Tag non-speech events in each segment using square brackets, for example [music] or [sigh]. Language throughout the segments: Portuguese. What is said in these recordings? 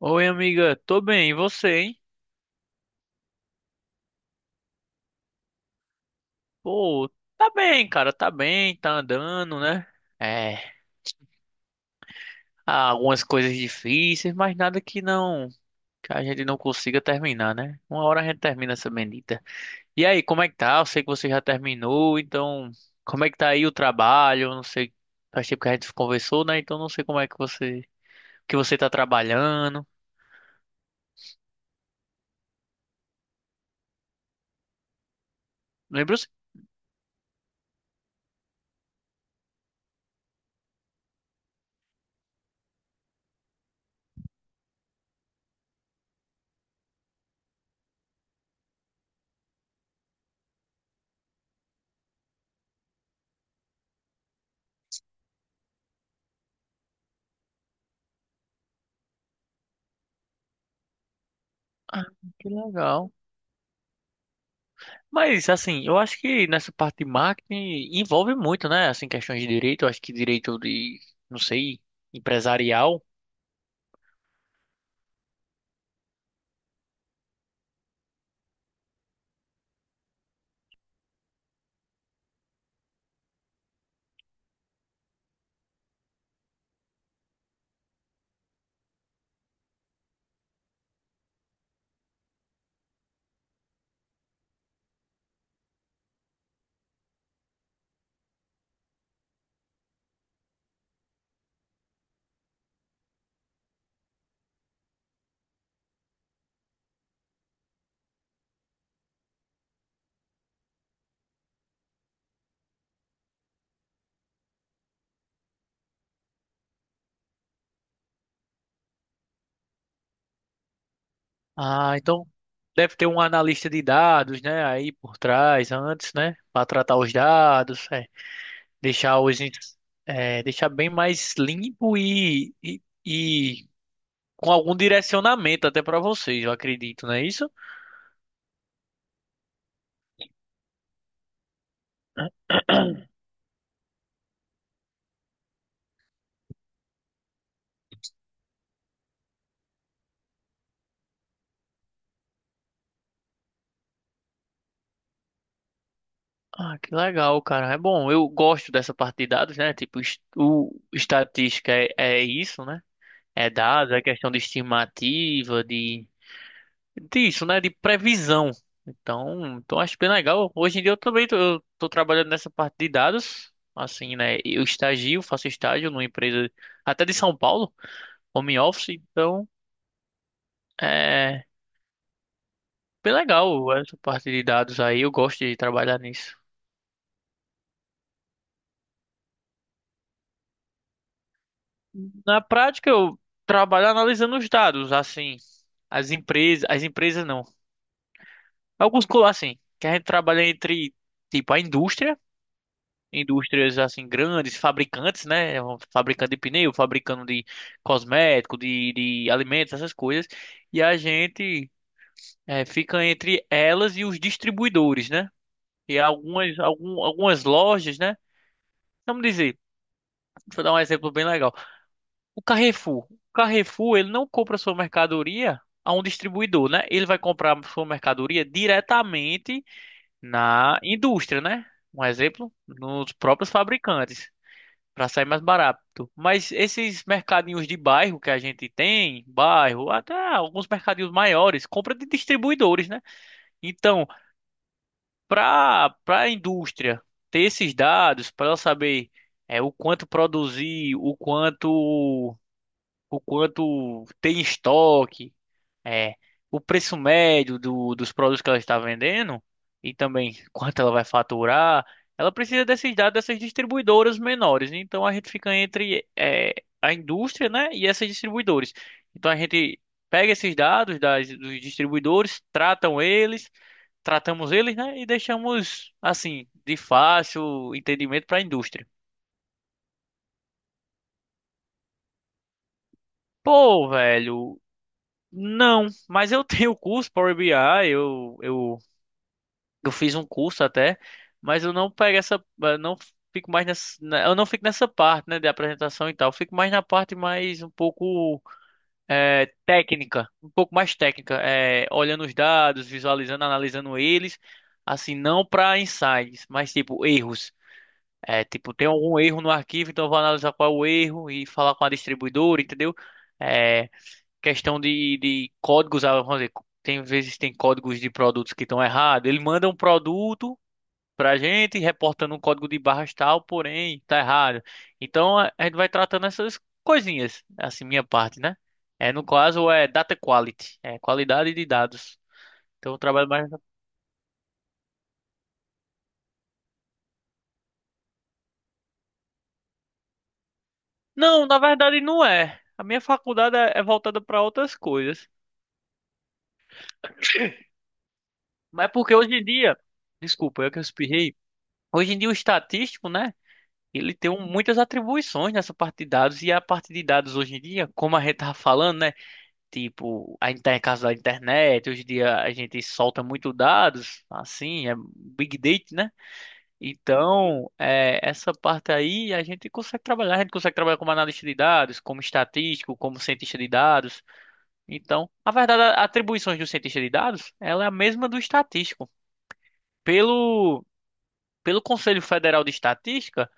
Oi, amiga, tô bem, e você, hein? Pô, tá bem, cara, tá bem, tá andando, né? É, há algumas coisas difíceis, mas nada que não, que a gente não consiga terminar, né? Uma hora a gente termina essa bendita. E aí, como é que tá? Eu sei que você já terminou, então, como é que tá aí o trabalho? Eu não sei, faz tempo que a gente conversou, né? Então não sei como é que você tá trabalhando. Lembro sim, que legal. Mas, assim, eu acho que nessa parte de marketing envolve muito, né? Assim, questões de direito, eu acho que direito de, não sei, empresarial. Ah, então deve ter um analista de dados, né? Aí por trás, antes, né? Para tratar os dados, é, deixar os, ins- é, deixar bem mais limpo e com algum direcionamento até para vocês, eu acredito, não é isso? Ah, que legal, cara. É bom, eu gosto dessa parte de dados, né? O estatística é isso, né? É dado, a questão de né, de previsão. Então, então acho bem legal. Hoje em dia eu tô trabalhando nessa parte de dados, assim, né? Eu estagio, faço estágio numa empresa até de São Paulo, home office, então é bem legal essa parte de dados aí, eu gosto de trabalhar nisso. Na prática eu trabalho analisando os dados, assim, as empresas não. Alguns colar assim, que a gente trabalha entre tipo a indústria indústrias assim grandes, fabricantes, né? Fabricando de pneu, fabricando de cosmético, de, de alimentos, essas coisas. E a gente fica entre elas e os distribuidores, né? E algumas lojas, né? Vamos dizer, deixa eu dar um exemplo bem legal. O Carrefour. O Carrefour, ele não compra sua mercadoria a um distribuidor, né? Ele vai comprar sua mercadoria diretamente na indústria, né? Um exemplo, nos próprios fabricantes, para sair mais barato. Mas esses mercadinhos de bairro que a gente tem, bairro, até alguns mercadinhos maiores, compra de distribuidores, né? Então, para a indústria ter esses dados, para ela saber o quanto produzir, o quanto tem em estoque, é, o preço médio dos produtos que ela está vendendo e também quanto ela vai faturar, ela precisa desses dados dessas distribuidoras menores. Então a gente fica entre a indústria, né, e essas distribuidoras. Então a gente pega esses dados dos distribuidores, tratamos eles, né, e deixamos assim de fácil entendimento para a indústria. Pô, velho, não. Mas eu [laughs] tenho o curso Power BI, eu eu Eu fiz um curso até, mas eu não fico mais eu não fico nessa parte, né, de apresentação e tal. Eu fico mais na parte mais um pouco é, técnica, um pouco mais técnica, é, olhando os dados, visualizando, analisando eles, assim, não para insights, mas tipo erros. É, tipo, tem algum erro no arquivo, então eu vou analisar qual é o erro e falar com a distribuidora, entendeu? É, questão de códigos, ah, vamos dizer, tem vezes tem códigos de produtos que estão errados. Ele manda um produto pra gente, reportando um código de barras tal, porém tá errado. Então a gente vai tratando essas coisinhas, assim, minha parte, né? É, no caso é data quality, é qualidade de dados. Então eu trabalho mais. Não, na verdade não é. A minha faculdade é voltada para outras coisas. Mas é porque hoje em dia, desculpa, eu espirrei. Hoje em dia o estatístico, né? Muitas atribuições nessa parte de dados e a parte de dados hoje em dia, como a gente tá falando, né? Tipo, a gente tá em casa da internet, hoje em dia a gente solta muito dados, assim, é big data, né? Então, é, essa parte aí a gente consegue trabalhar como analista de dados, como estatístico, como cientista de dados. Então, na verdade, atribuições do cientista de dados, ela é a mesma do estatístico. Pelo, pelo Conselho Federal de Estatística,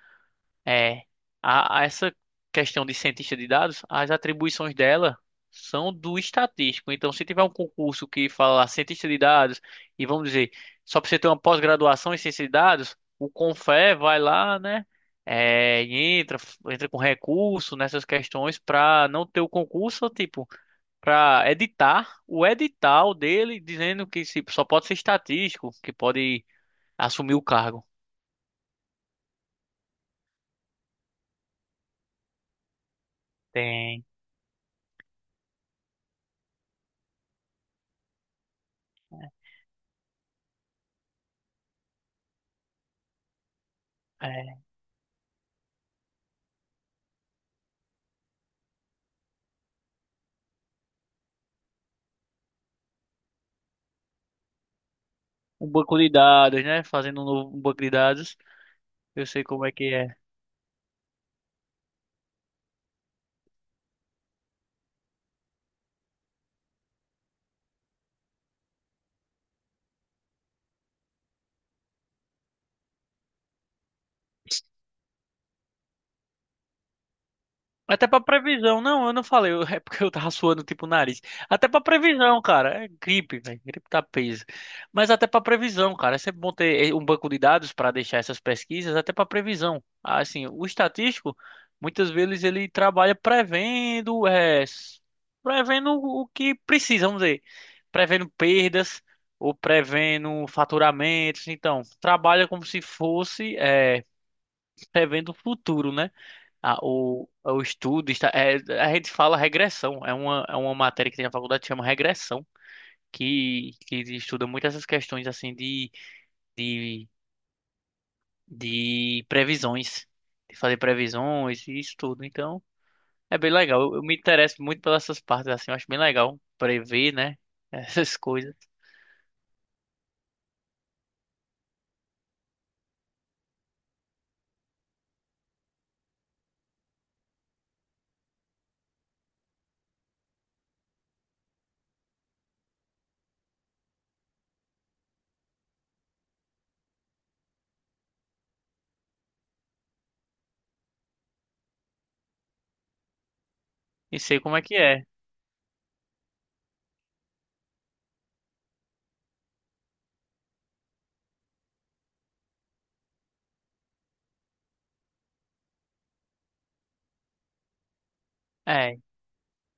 é, a essa questão de cientista de dados, as atribuições dela são do estatístico. Então, se tiver um concurso que fala cientista de dados, e vamos dizer, só para você ter uma pós-graduação em ciência de dados, o Confé vai lá, né? É, e entra, entra com recurso nessas questões para não ter o concurso, tipo, para editar o edital dele, dizendo que se- só pode ser estatístico, que pode assumir o cargo. Tem. Um banco de dados, né? Fazendo um novo um banco de dados. Eu sei como é que é. Até pra previsão. Não, eu não falei. É porque eu tava suando tipo o nariz. Até pra previsão, cara. É gripe, velho. Gripe tá peso. Mas até pra previsão, cara. É sempre bom ter um banco de dados pra deixar essas pesquisas, até pra previsão. Ah, assim, o estatístico, muitas vezes ele trabalha prevendo o que precisa, vamos dizer. Prevendo perdas ou prevendo faturamentos. Então, trabalha como se fosse, é, prevendo o futuro, né? O estudo a gente fala regressão, é uma matéria que tem na faculdade que chama regressão, que estuda muito essas questões de, de previsões, de fazer previsões e isso tudo. Então, é bem legal. Eu me interesso muito pelas essas partes assim, eu acho bem legal prever, né, [laughs] essas coisas e sei como é que é. É,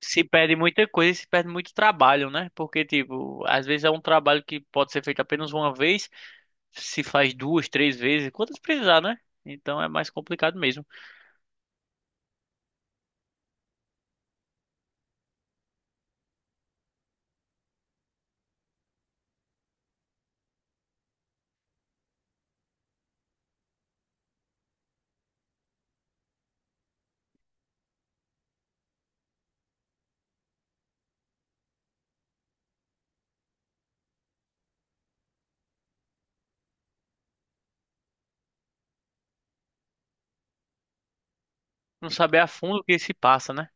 se perde muita coisa, e se perde muito trabalho, né? Porque tipo, às vezes é um trabalho que pode ser feito apenas uma vez, se faz duas, três vezes, quantas precisar, né? Então é mais complicado mesmo. Não saber a fundo o que se passa, né?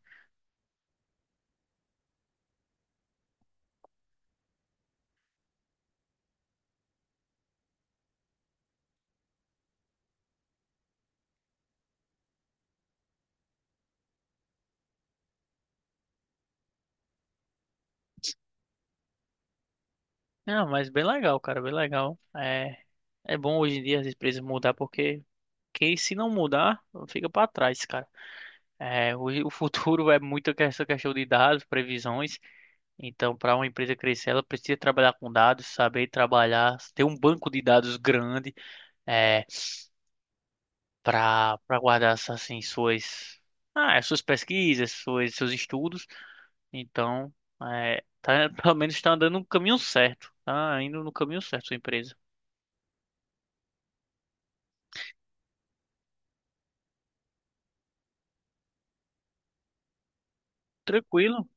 Não, mas bem legal, cara, bem legal. É, é bom hoje em dia as empresas mudar, porque quem se não mudar, fica para trás, cara. É, hoje [laughs] o futuro é muito essa questão de dados, previsões. Então, para uma empresa crescer, ela precisa trabalhar com dados, saber trabalhar, ter um banco de dados grande, é, para guardar assim suas suas pesquisas, seus estudos. Então, é, tá, [laughs] pelo menos está andando no caminho certo. Tá indo no caminho certo, sua empresa. Tranquilo.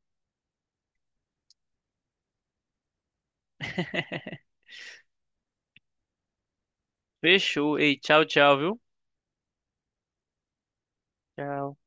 Fechou. Ei, tchau, tchau, viu? Tchau.